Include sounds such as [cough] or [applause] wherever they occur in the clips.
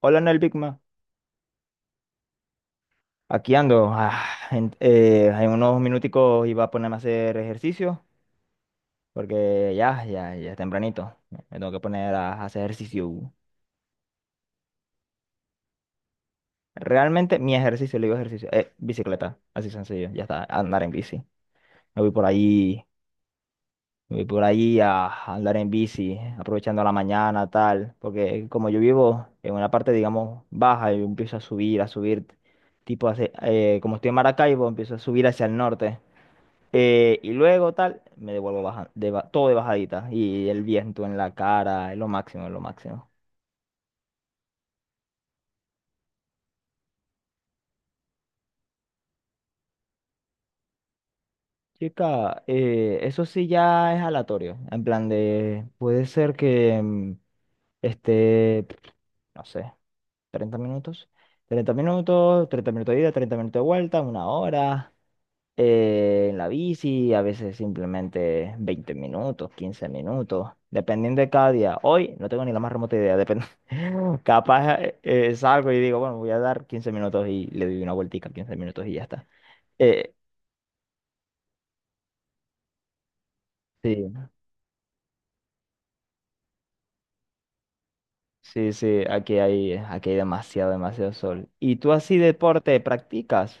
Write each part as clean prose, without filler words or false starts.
Hola, Noel Bigma. Aquí ando. En unos minuticos iba a ponerme a hacer ejercicio porque ya es tempranito. Me tengo que poner a hacer ejercicio. Realmente mi ejercicio, le digo ejercicio, es bicicleta. Así sencillo, ya está, andar en bici. Me voy por ahí, Me voy por ahí a andar en bici, aprovechando la mañana, tal. Porque como yo vivo en una parte, digamos, baja, yo empiezo a subir, a subir. Tipo, como estoy en Maracaibo, empiezo a subir hacia el norte. Y luego tal, me devuelvo baja, todo de bajadita. Y el viento en la cara, es lo máximo, es lo máximo. Chica, eso sí ya es aleatorio. En plan de, puede ser que esté, no sé, 30 minutos. 30 minutos, 30 minutos de ida, 30 minutos de vuelta, una hora. En la bici, a veces simplemente 20 minutos, 15 minutos, dependiendo de cada día. Hoy no tengo ni la más remota idea, depende. [laughs] Capaz salgo y digo, bueno, voy a dar 15 minutos y le doy una vueltica, 15 minutos y ya está. Eh, sí, sí, aquí hay demasiado, demasiado sol. ¿Y tú así deporte practicas?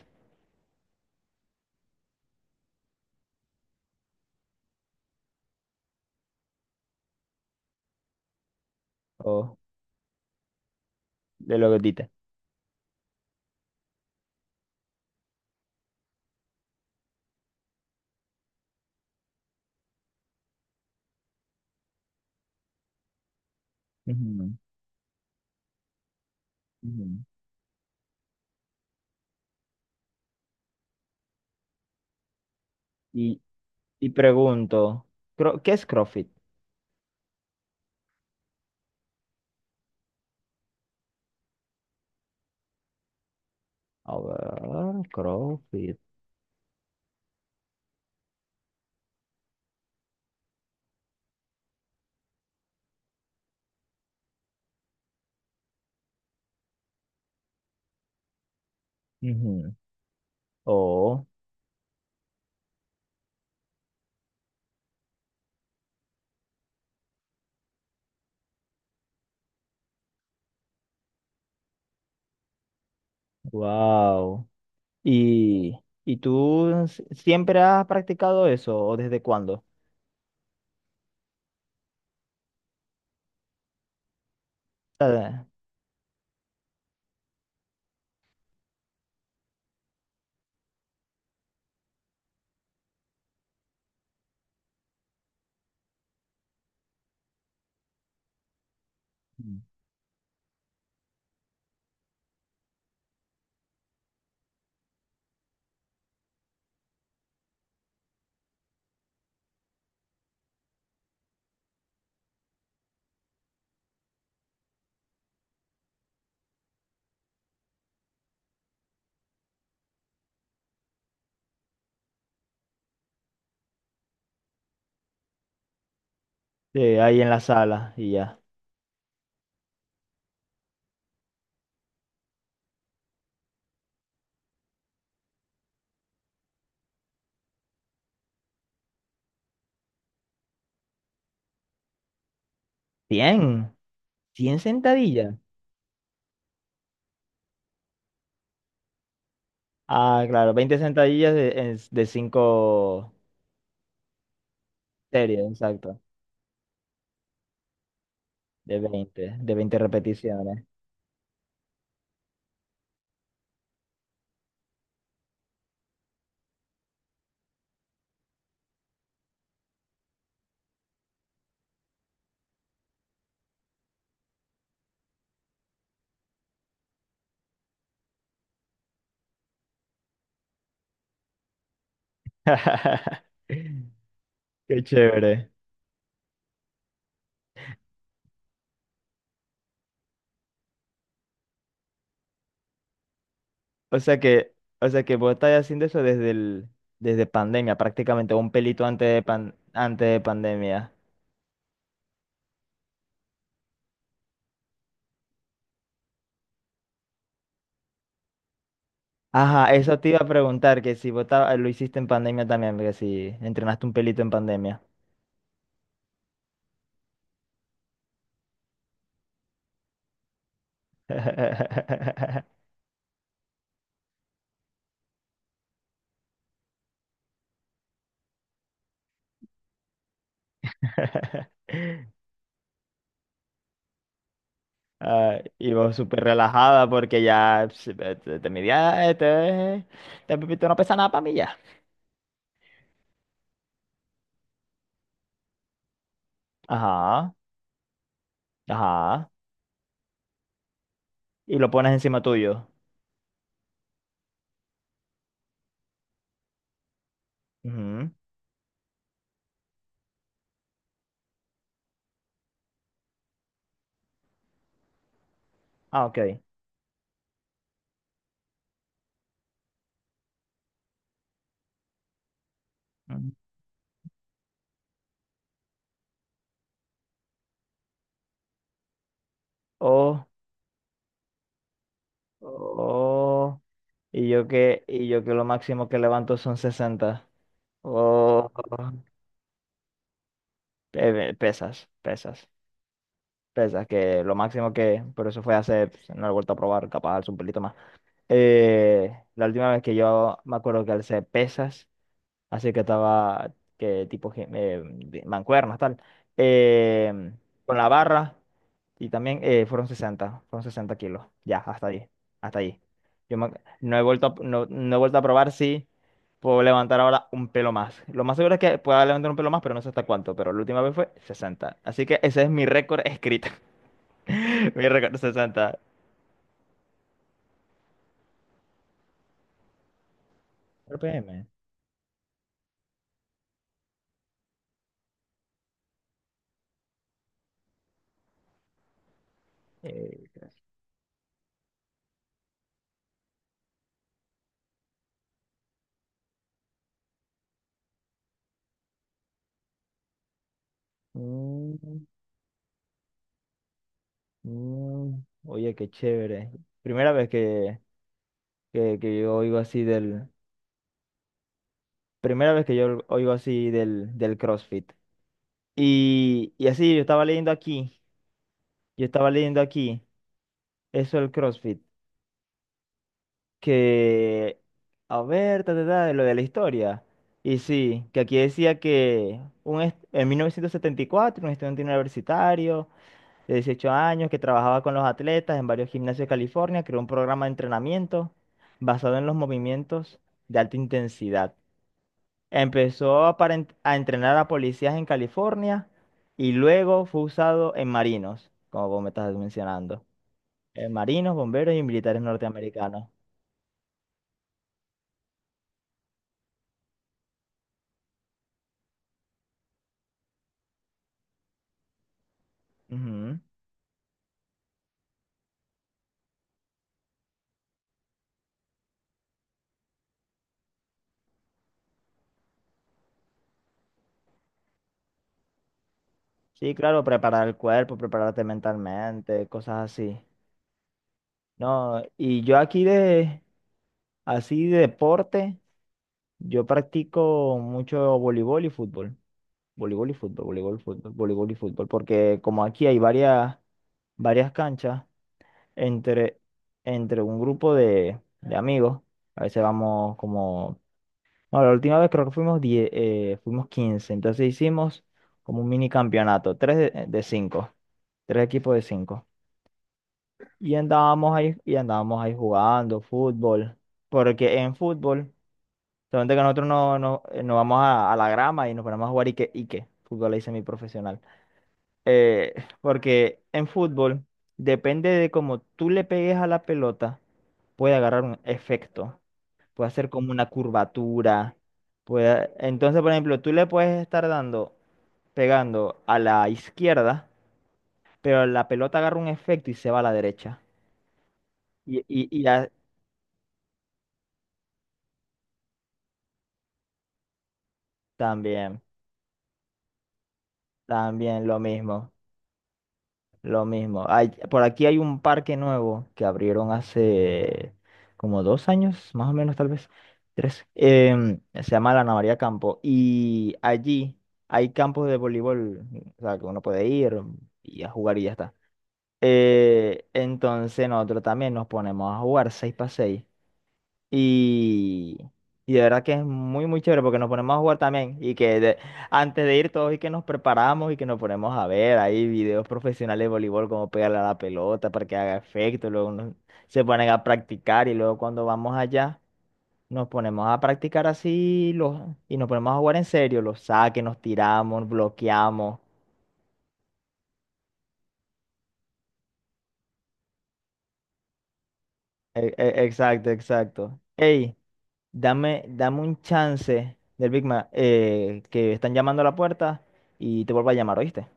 ¿O de lo que dices? Ujú, ujú. Y, y pregunto, ¿qué es CrossFit? A ver, CrossFit. Ujú. Oh, wow. ¿Y, y tú siempre has practicado eso o desde cuándo? Ah, de ahí en la sala y ya. cien 100 sentadillas. Ah, claro, 20 sentadillas de 5 series, exacto. De 20 de 20 repeticiones. [laughs] Qué chévere. O sea que, o sea que vos estás haciendo eso desde pandemia, prácticamente un pelito antes de pandemia. Ajá, eso te iba a preguntar, que si vos lo hiciste en pandemia también, porque si entrenaste un pelito en pandemia. [laughs] Ah, y vos súper relajada porque ya pss, te midía, te pipito no pesa nada para mí ya. Ajá, ajá. Y lo pones encima tuyo. Ujú. Ah, ok. Ujú. Oh, oh. Y yo que lo máximo que levanto son 60. Oh, pesas, pesas. Pesas, que lo máximo que, pero eso fue hace, pues, no lo he vuelto a probar, capaz alzo un pelito más. La última vez que yo me acuerdo que alcé pesas, así que estaba, que tipo, mancuernas, tal, eh, con la barra, y también fueron 60 kilos, ya, hasta ahí, hasta ahí. Yo me- no he vuelto a, no he vuelto a probar si puedo levantar ahora un pelo más. Lo más seguro es que pueda levantar un pelo más, pero no sé hasta cuánto, pero la última vez fue 60. Así que ese es mi récord escrito. Mi recompensa santa. RPM. Eh, mm, oye, qué chévere. Primera vez que yo oigo así del. Primera vez que yo oigo así del CrossFit. Y así, yo estaba leyendo aquí. Yo estaba leyendo aquí. Eso del CrossFit. Que. A ver, ta, ta, ta, de lo de la historia. Y sí, que aquí decía que en 1974, un estudiante universitario de 18 años que trabajaba con los atletas en varios gimnasios de California, creó un programa de entrenamiento basado en los movimientos de alta intensidad. Empezó a, a entrenar a policías en California y luego fue usado en marinos, como vos me estás mencionando. En marinos, bomberos y militares norteamericanos. Ujú. Sí, claro, preparar el cuerpo, prepararte mentalmente, cosas así. No, y yo aquí de, así de deporte. Yo practico mucho voleibol y fútbol. Voleibol y fútbol, voleibol y fútbol. Porque como aquí hay varias canchas entre, entre un grupo de amigos, a veces vamos como... No, la última vez creo que fuimos diez, fuimos quince. Entonces hicimos como un mini campeonato, tres de cinco, tres equipos de cinco. Y andábamos ahí jugando fútbol. Porque en fútbol... Solamente que nosotros no, no, nos vamos a la grama y nos ponemos a jugar Ike, Ike, fútbol ahí semiprofesional. Eh, Porque en fútbol depende de cómo tú le pegues a la pelota, puede agarrar un efecto, puede hacer como una curvatura. Puede... Entonces, por ejemplo, tú le puedes estar dando, pegando a la izquierda, pero la pelota agarra un efecto y se va a la derecha. Y, y, y a- también, también lo mismo. Lo mismo. Hay- por aquí hay un parque nuevo que abrieron hace como 2 años, más o menos, tal vez, tres. Em, se llama La Navaria Campo. Y allí hay campos de voleibol, o sea, que uno puede ir y a jugar y ya está. Entonces nosotros también nos ponemos a jugar seis para seis y, y de verdad que es muy, muy chévere porque nos ponemos a jugar también. Antes de ir todos y que nos preparamos y que nos ponemos a ver ahí videos profesionales de voleibol, cómo pegarle a la pelota para que haga efecto. Se ponen a practicar y luego cuando vamos allá nos ponemos a practicar y nos ponemos a jugar en serio. Los saques, nos tiramos, bloqueamos. Exacto, exacto. Ey. Dame un chance del Big Mac, que están llamando a la puerta y te vuelvo a llamar, ¿oíste?